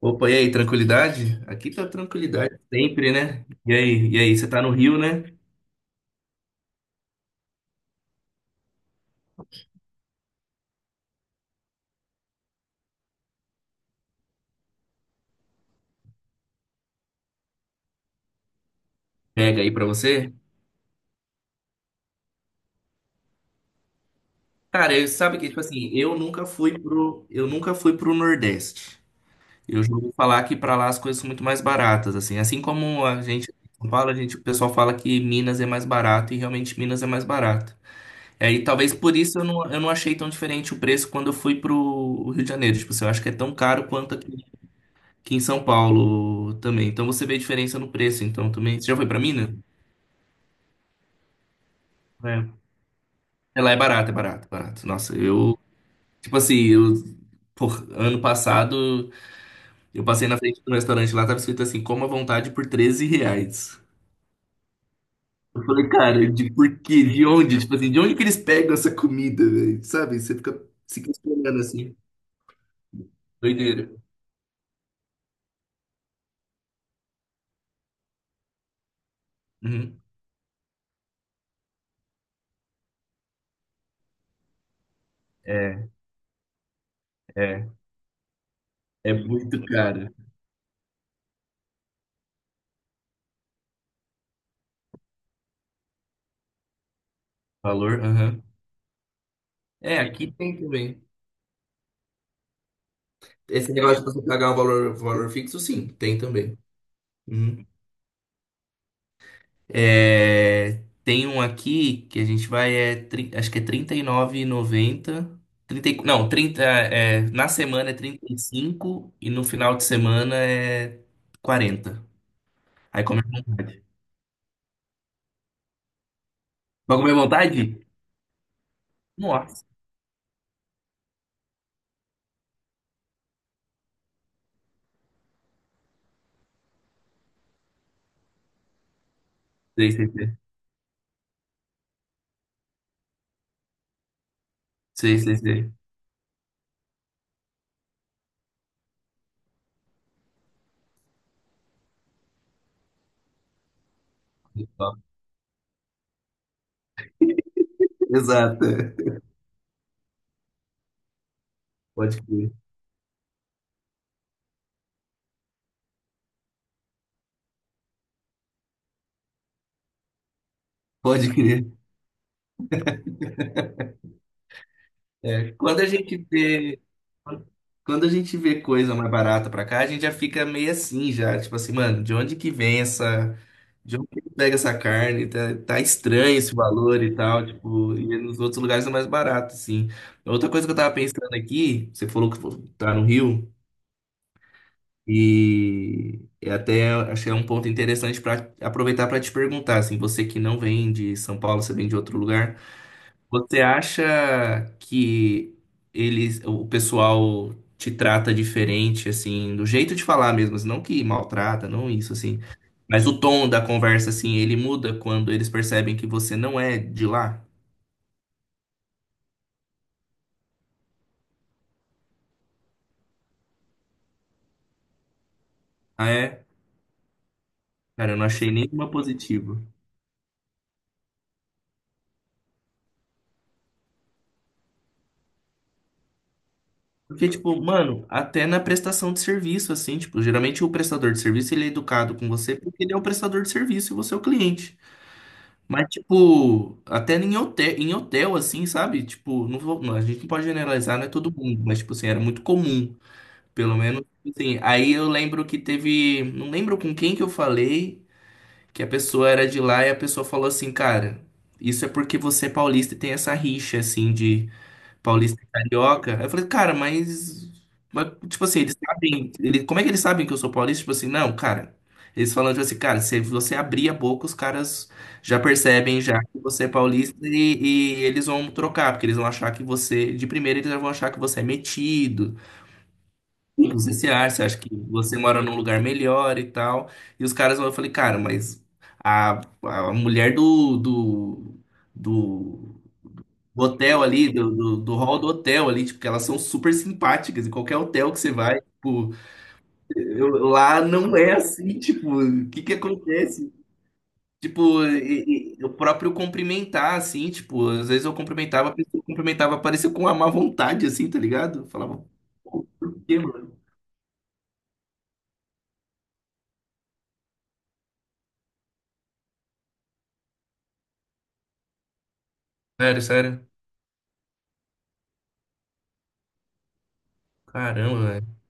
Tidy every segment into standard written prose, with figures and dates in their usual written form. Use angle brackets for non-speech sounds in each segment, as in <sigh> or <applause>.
Opa, e aí, tranquilidade? Aqui tá tranquilidade sempre, né? E aí, você tá no Rio, né? Pega aí pra você. Cara, sabe que, tipo assim, eu nunca fui pro Nordeste. Eu já ouvi falar que pra lá as coisas são muito mais baratas, assim. Assim como a gente em São Paulo, o pessoal fala que Minas é mais barato e realmente Minas é mais barato. É, e aí, talvez por isso eu não achei tão diferente o preço quando eu fui pro Rio de Janeiro. Tipo assim, eu acho que é tão caro quanto aqui em São Paulo também. Então você vê a diferença no preço, então também. Você já foi pra Minas? É. É, lá é barato, é barato, é barato. Nossa, tipo assim, ano passado eu passei na frente do restaurante lá, tava escrito assim, coma à vontade por R$13. Eu falei, cara, de por quê? De onde? Tipo assim, de onde que eles pegam essa comida, velho? Sabe? Você fica se questionando assim. Doideira. Uhum. É, é. É muito caro. Valor? Aham. É, aqui tem também. Esse negócio de você pagar um valor fixo, sim, tem também. Uhum. É, tem um aqui que a gente vai, é, acho que é R$39,90. 30, nove e noventa trinta não, trinta é, na semana é 35 e no final de semana é 40. Aí come à vontade. Vai comer à vontade? Nossa. Sei, sei, sei. Sei, sei, sei. Exato. Pode crer. Pode crer. É, quando a gente vê. Quando a gente vê coisa mais barata pra cá, a gente já fica meio assim já, tipo assim, mano, de onde que vem essa, de onde que pega essa carne? Tá estranho esse valor e tal, tipo, e nos outros lugares é mais barato, assim. Outra coisa que eu tava pensando aqui, você falou que tá no Rio e eu até achei um ponto interessante pra aproveitar pra te perguntar, assim, você que não vem de São Paulo, você vem de outro lugar. Você acha que o pessoal te trata diferente, assim, do jeito de falar mesmo, assim, não que maltrata, não isso, assim, mas o tom da conversa, assim, ele muda quando eles percebem que você não é de lá? Ah, é? Cara, eu não achei nenhuma positiva. Porque, tipo, mano, até na prestação de serviço, assim, tipo, geralmente o prestador de serviço, ele é educado com você porque ele é o prestador de serviço e você é o cliente. Mas, tipo, até em hotel, assim, sabe? Tipo, não, a gente não pode generalizar, não é todo mundo, mas, tipo assim, era muito comum, pelo menos, tipo assim. Aí eu lembro que teve, não lembro com quem que eu falei, que a pessoa era de lá e a pessoa falou assim, cara, isso é porque você é paulista e tem essa rixa, assim, de paulista e carioca. Eu falei, cara, mas, tipo assim, eles sabem, como é que eles sabem que eu sou paulista? Tipo assim, não, cara. Eles falando, tipo assim, cara, se você abrir a boca, os caras já percebem já que você é paulista e eles vão trocar, porque eles vão achar que você, de primeira, eles já vão achar que você é metido, que você se acha, você acha que você mora num lugar melhor e tal. E os caras vão, eu falei, cara, mas a mulher do do hotel ali, do hall do hotel ali, tipo, que elas são super simpáticas, em qualquer hotel que você vai, tipo, lá não é assim, tipo, o que que acontece? Tipo, o próprio cumprimentar, assim, tipo, às vezes eu cumprimentava, a pessoa cumprimentava, parecia com uma má vontade, assim, tá ligado? Eu falava, pô, por quê, mano? Sério, sério. Caramba, velho.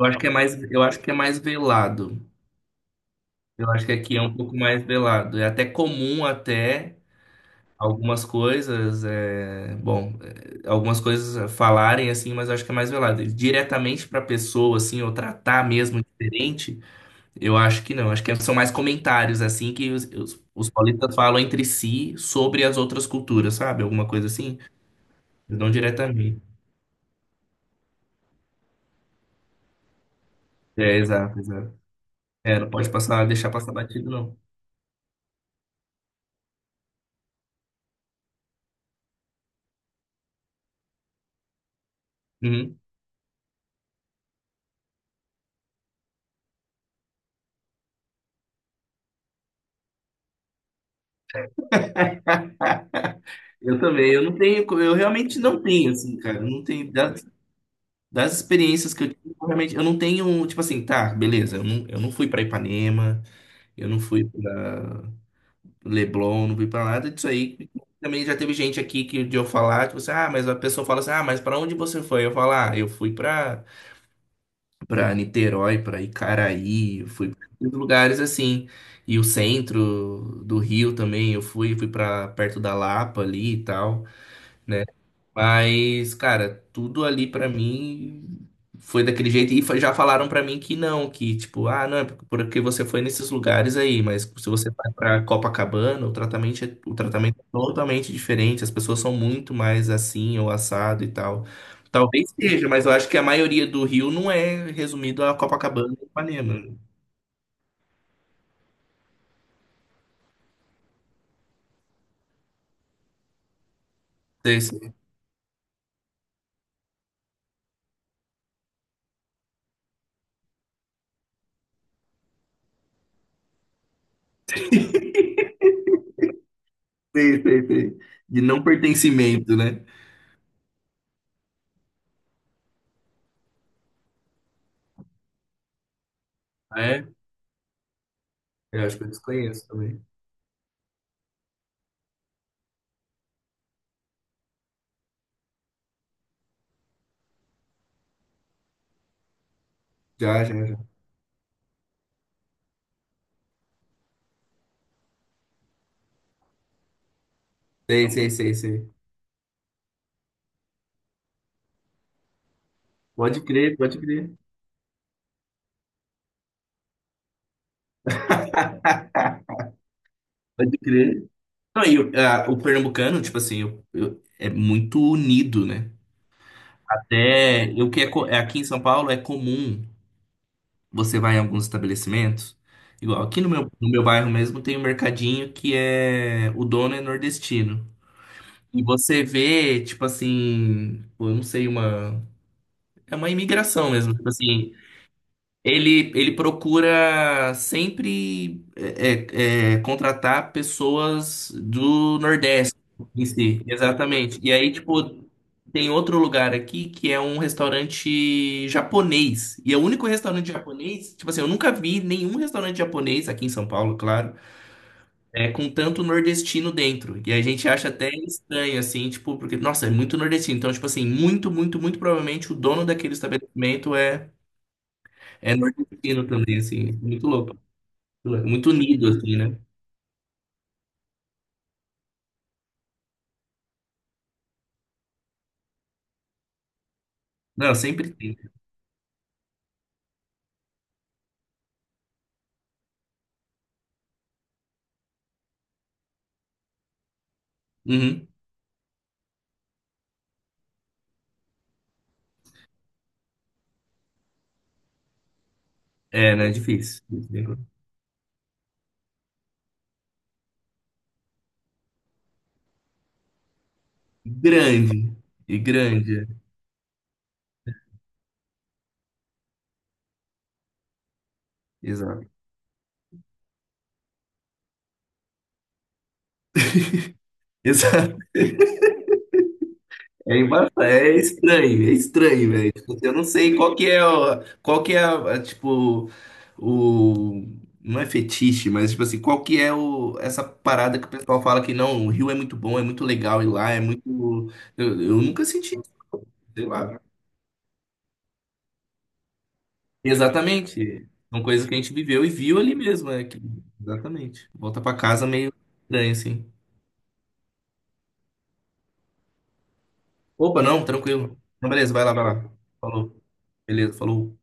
Eu acho que é mais velado. Eu acho que aqui é um pouco mais velado. É até comum até. Algumas coisas, é, bom, é, algumas coisas falarem assim, mas eu acho que é mais velado. E diretamente para pessoa assim, ou tratar mesmo diferente, eu acho que não. Acho que são mais comentários assim que os paulistas falam entre si sobre as outras culturas, sabe? Alguma coisa assim, mas não diretamente. É, exato, exato. É, não pode passar, deixar passar batido, não. Uhum. <laughs> Eu também, eu não tenho, eu realmente não tenho, assim, cara, eu não tenho. Das experiências que eu tive, eu realmente, eu não tenho, tipo assim, tá, beleza, eu não fui pra Ipanema, eu não fui pra Leblon, não fui pra nada disso aí. Também já teve gente aqui que de eu falar, tipo assim, ah, mas a pessoa fala assim, ah, mas pra onde você foi? Eu falo, ah, eu fui pra Niterói, pra Icaraí, eu fui pra esses lugares assim. E o centro do Rio também, eu fui pra perto da Lapa ali e tal, né? Mas, cara, tudo ali pra mim foi daquele jeito. E já falaram pra mim que não, que tipo, ah, não, é porque você foi nesses lugares aí, mas se você vai pra Copacabana, o tratamento é totalmente diferente. As pessoas são muito mais assim ou assado e tal. Talvez seja, mas eu acho que a maioria do Rio não é resumido a Copacabana e Ipanema. Sei, sei, <laughs> sei, sei. Sei. De não pertencimento, né? Ah, é, eu acho que eu desconheço também. Já, já, já. Sei, sei, sei, sei. Pode crer, pode crer. <laughs> Pode crer. Não, e o pernambucano, tipo assim, é muito unido, né? Até o que é, é aqui em São Paulo é comum. Você vai em alguns estabelecimentos, igual aqui no meu bairro mesmo tem um mercadinho que é o dono é nordestino. E você vê, tipo assim, pô, eu não sei, uma é uma imigração mesmo, tipo assim. Ele procura sempre contratar pessoas do Nordeste em si, exatamente. E aí, tipo, tem outro lugar aqui que é um restaurante japonês. E é o único restaurante japonês, tipo assim, eu nunca vi nenhum restaurante japonês aqui em São Paulo, claro, com tanto nordestino dentro. E a gente acha até estranho, assim, tipo, porque, nossa, é muito nordestino. Então, tipo assim, muito, muito, muito provavelmente o dono daquele estabelecimento é. É nordestino também, assim. Muito louco. Muito louco. Muito unido, assim, né? Não, sempre tem. Uhum. É, né? É difícil. Grande. E grande. É. Exato. <laughs> Exato. É, é estranho, velho. Tipo, assim, eu não sei qual que é, qual que é, tipo. o... Não é fetiche, mas, tipo assim, qual que é essa parada que o pessoal fala que não, o Rio é muito bom, é muito legal ir lá, é muito. Eu nunca senti, isso, sei lá. Exatamente. São coisas que a gente viveu e viu ali mesmo, é que exatamente. Volta pra casa meio estranho assim. Opa, não, tranquilo. Não, beleza, vai lá, vai lá. Falou. Beleza, falou.